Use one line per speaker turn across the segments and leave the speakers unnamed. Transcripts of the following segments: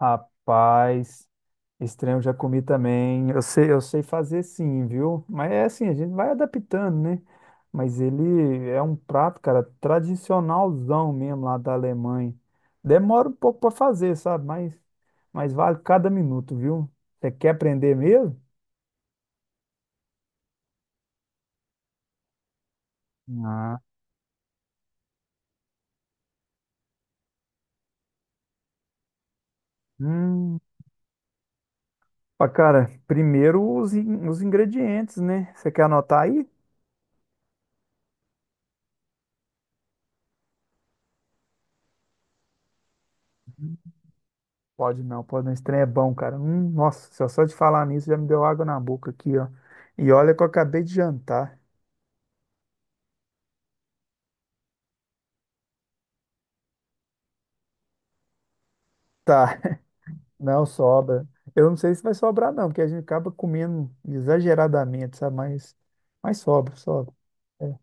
Rapaz, estranho eu já comi também. Eu sei fazer sim, viu? Mas é assim, a gente vai adaptando, né? Mas ele é um prato, cara, tradicionalzão mesmo lá da Alemanha. Demora um pouco para fazer, sabe? Mas vale cada minuto, viu? Você quer aprender mesmo? Ah. Hum. Pá, cara, primeiro os ingredientes, né? Você quer anotar aí? Pode não, pode não. Esse trem é bom, cara. Nossa, só de falar nisso já me deu água na boca aqui, ó. E olha que eu acabei de jantar. Tá, não sobra. Eu não sei se vai sobrar, não, porque a gente acaba comendo exageradamente, sabe? Mas sobra, sobra. É.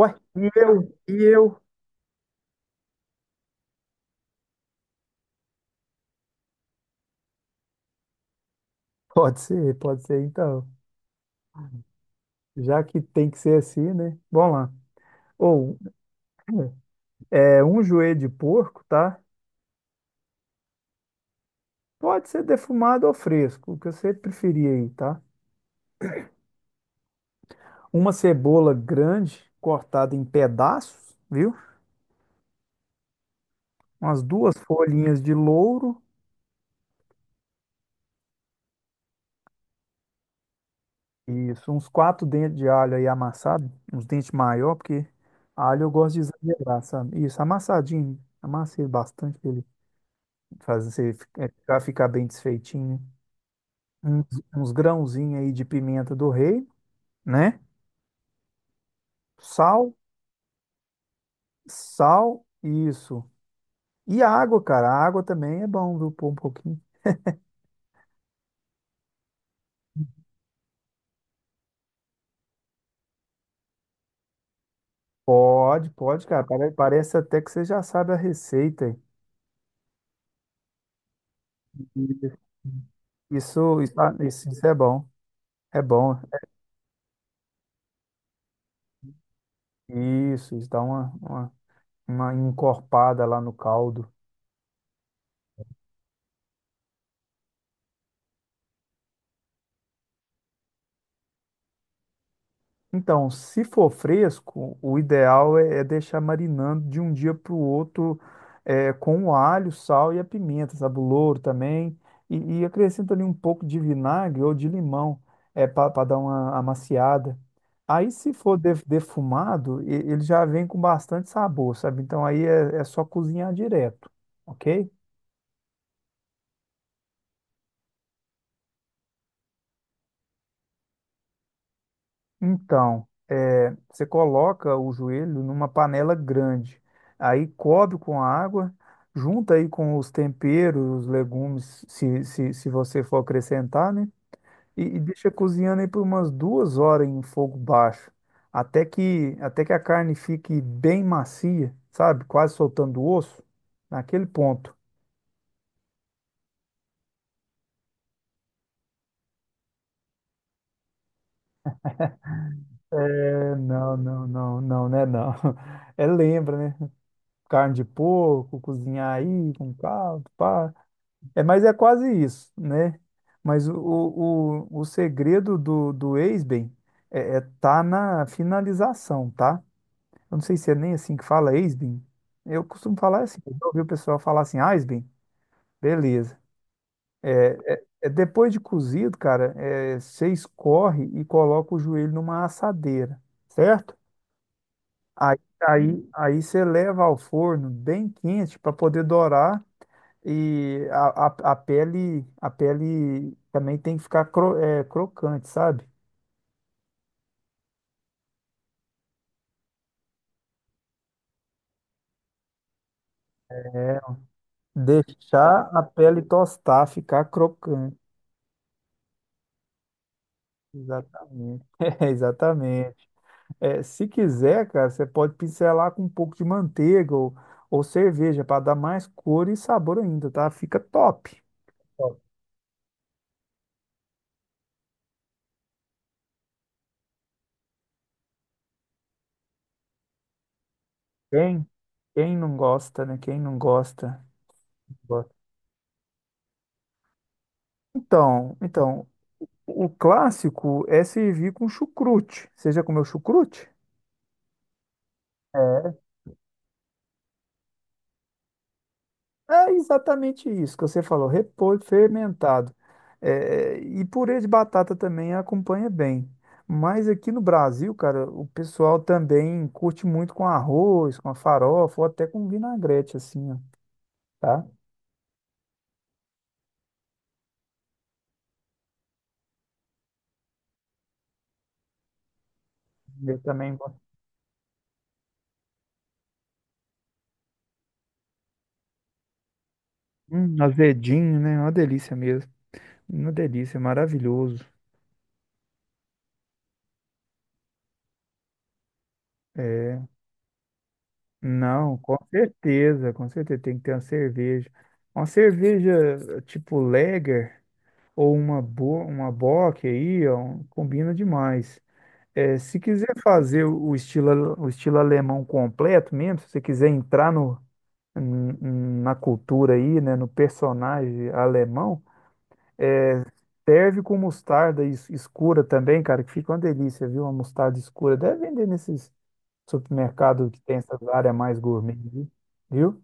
Ué, e eu? E eu? Pode ser, então. Já que tem que ser assim, né? Vamos lá. Ou, um joelho de porco, tá? Pode ser defumado ou fresco, o que você preferir aí, tá? Uma cebola grande cortada em pedaços, viu? Umas duas folhinhas de louro, isso, uns quatro dentes de alho aí amassado, uns dentes maior, porque alho eu gosto de exagerar, sabe? Isso, amassadinho, amassei bastante pra ele fazer você ficar bem desfeitinho. Uns, uns grãozinhos aí de pimenta do rei, né? Sal, sal, isso. E água, cara, a água também é bom, viu? Pôr um pouquinho. Pode, pode, cara. Parece até que você já sabe a receita, hein? Isso, isso é bom. É bom. Isso dá uma encorpada lá no caldo. Então, se for fresco, o ideal é deixar marinando de um dia para o outro com o alho, sal e a pimenta, sabe? O louro também. E acrescenta ali um pouco de vinagre ou de limão para dar uma amaciada. Aí, se for defumado, ele já vem com bastante sabor, sabe? Então, aí é só cozinhar direto, ok? Então, é, você coloca o joelho numa panela grande, aí cobre com água, junta aí com os temperos, os legumes, se você for acrescentar, né? E deixa cozinhando aí por umas 2 horas em fogo baixo, até que a carne fique bem macia, sabe? Quase soltando o osso, naquele ponto. É, não, não, não, não, né? Não. É, lembra, né? Carne de porco, cozinhar aí com caldo, pá. É, mas é quase isso, né? Mas o segredo do ex-bem é tá na finalização, tá? Eu não sei se é nem assim que fala ex-bem. Eu costumo falar assim, eu já ouvi o pessoal falar assim, ah, bem, beleza. É, depois de cozido, cara, é, você escorre e coloca o joelho numa assadeira, certo? Aí, aí você leva ao forno bem quente para poder dourar. E a pele, a pele também tem que ficar crocante, sabe? Deixar a pele tostar, ficar crocante. Exatamente. É, exatamente. É, se quiser, cara, você pode pincelar com um pouco de manteiga ou cerveja para dar mais cor e sabor ainda, tá? Fica top. Top. Quem, quem não gosta, né? Quem não gosta. Gosta. Então, o clássico é servir com chucrute. Você já comeu chucrute? É, é exatamente isso que você falou, repolho fermentado. É, e purê de batata também acompanha bem. Mas aqui no Brasil, cara, o pessoal também curte muito com arroz, com a farofa, ou até com vinagrete, assim, ó, tá? Eu também gosto. Azedinho, né? Uma delícia mesmo. Uma delícia, maravilhoso. É, não, com certeza, com certeza. Tem que ter uma cerveja. Uma cerveja tipo Lager. Ou uma, boa, uma bock aí, ó, combina demais. É, se quiser fazer o o estilo alemão completo mesmo, se você quiser entrar no, na cultura aí, né, no personagem alemão, serve com mostarda escura também, cara, que fica uma delícia, viu? Uma mostarda escura. Deve vender nesses supermercados que tem essas áreas mais gourmet, viu?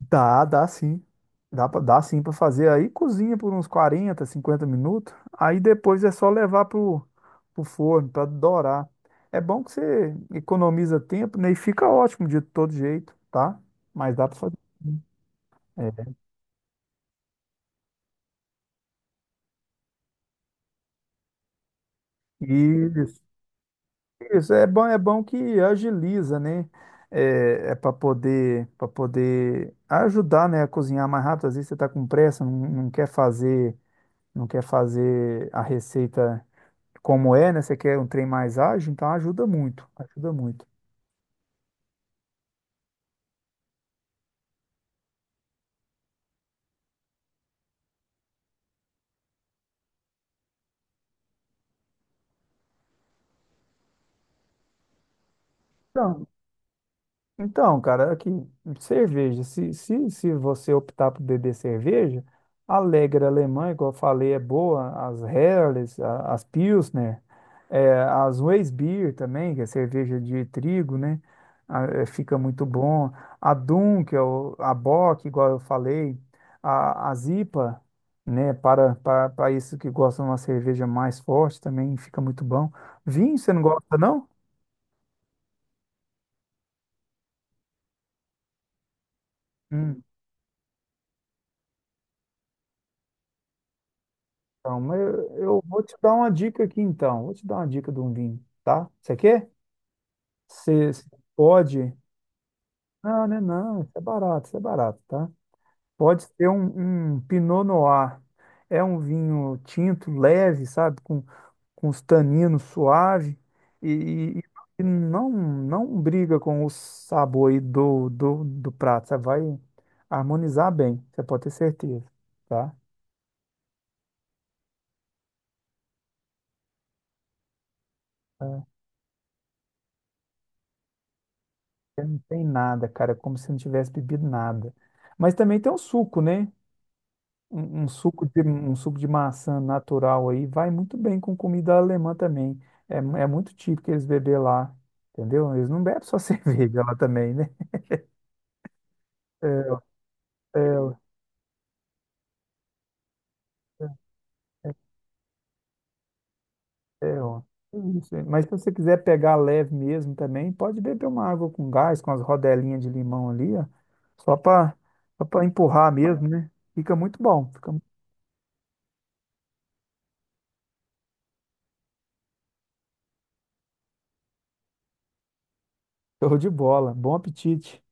Dá, dá sim. Dá sim para fazer. Aí cozinha por uns 40 50 minutos. Aí depois é só levar pro, pro forno para dourar. É bom que você economiza tempo, né? E fica ótimo de todo jeito, tá? Mas dá para fazer. É. Isso, isso é bom que agiliza, né? É, é para poder ajudar, né, a cozinhar mais rápido. Às vezes você está com pressa, não quer fazer, não quer fazer a receita como é, né? Você quer um trem mais ágil, então ajuda muito, ajuda muito. Então, então, cara, aqui, cerveja. Se você optar por beber cerveja, a Lager alemã, igual eu falei, é boa. As Helles, as Pilsner, as Weissbier também, que é cerveja de trigo, né? Ah, fica muito bom. A Dunkel, é a Bock, igual eu falei, a, as IPA, né? Para isso que gostam de uma cerveja mais forte também, fica muito bom. Vinho, você não gosta, não? Hum. Então, mas eu vou te dar uma dica aqui então. Vou te dar uma dica de um vinho, tá? Você quer? Você pode. Não, né? Não, isso é barato, tá? Pode ser um Pinot Noir. É um vinho tinto, leve, sabe? Com os taninos suave e, e- e não, não briga com o sabor aí do prato. Você vai harmonizar bem, você pode ter certeza, tá? Tem nada, cara, é como se não tivesse bebido nada. Mas também tem um suco, né? Um suco de maçã natural aí vai muito bem com comida alemã também. É, é muito típico eles beber lá, entendeu? Eles não bebem só cerveja lá também, né? É, é, ó. É isso. Mas se você quiser pegar leve mesmo também, pode beber uma água com gás, com as rodelinhas de limão ali, ó, só para empurrar mesmo, né? Fica muito bom, fica show de bola. Bom apetite.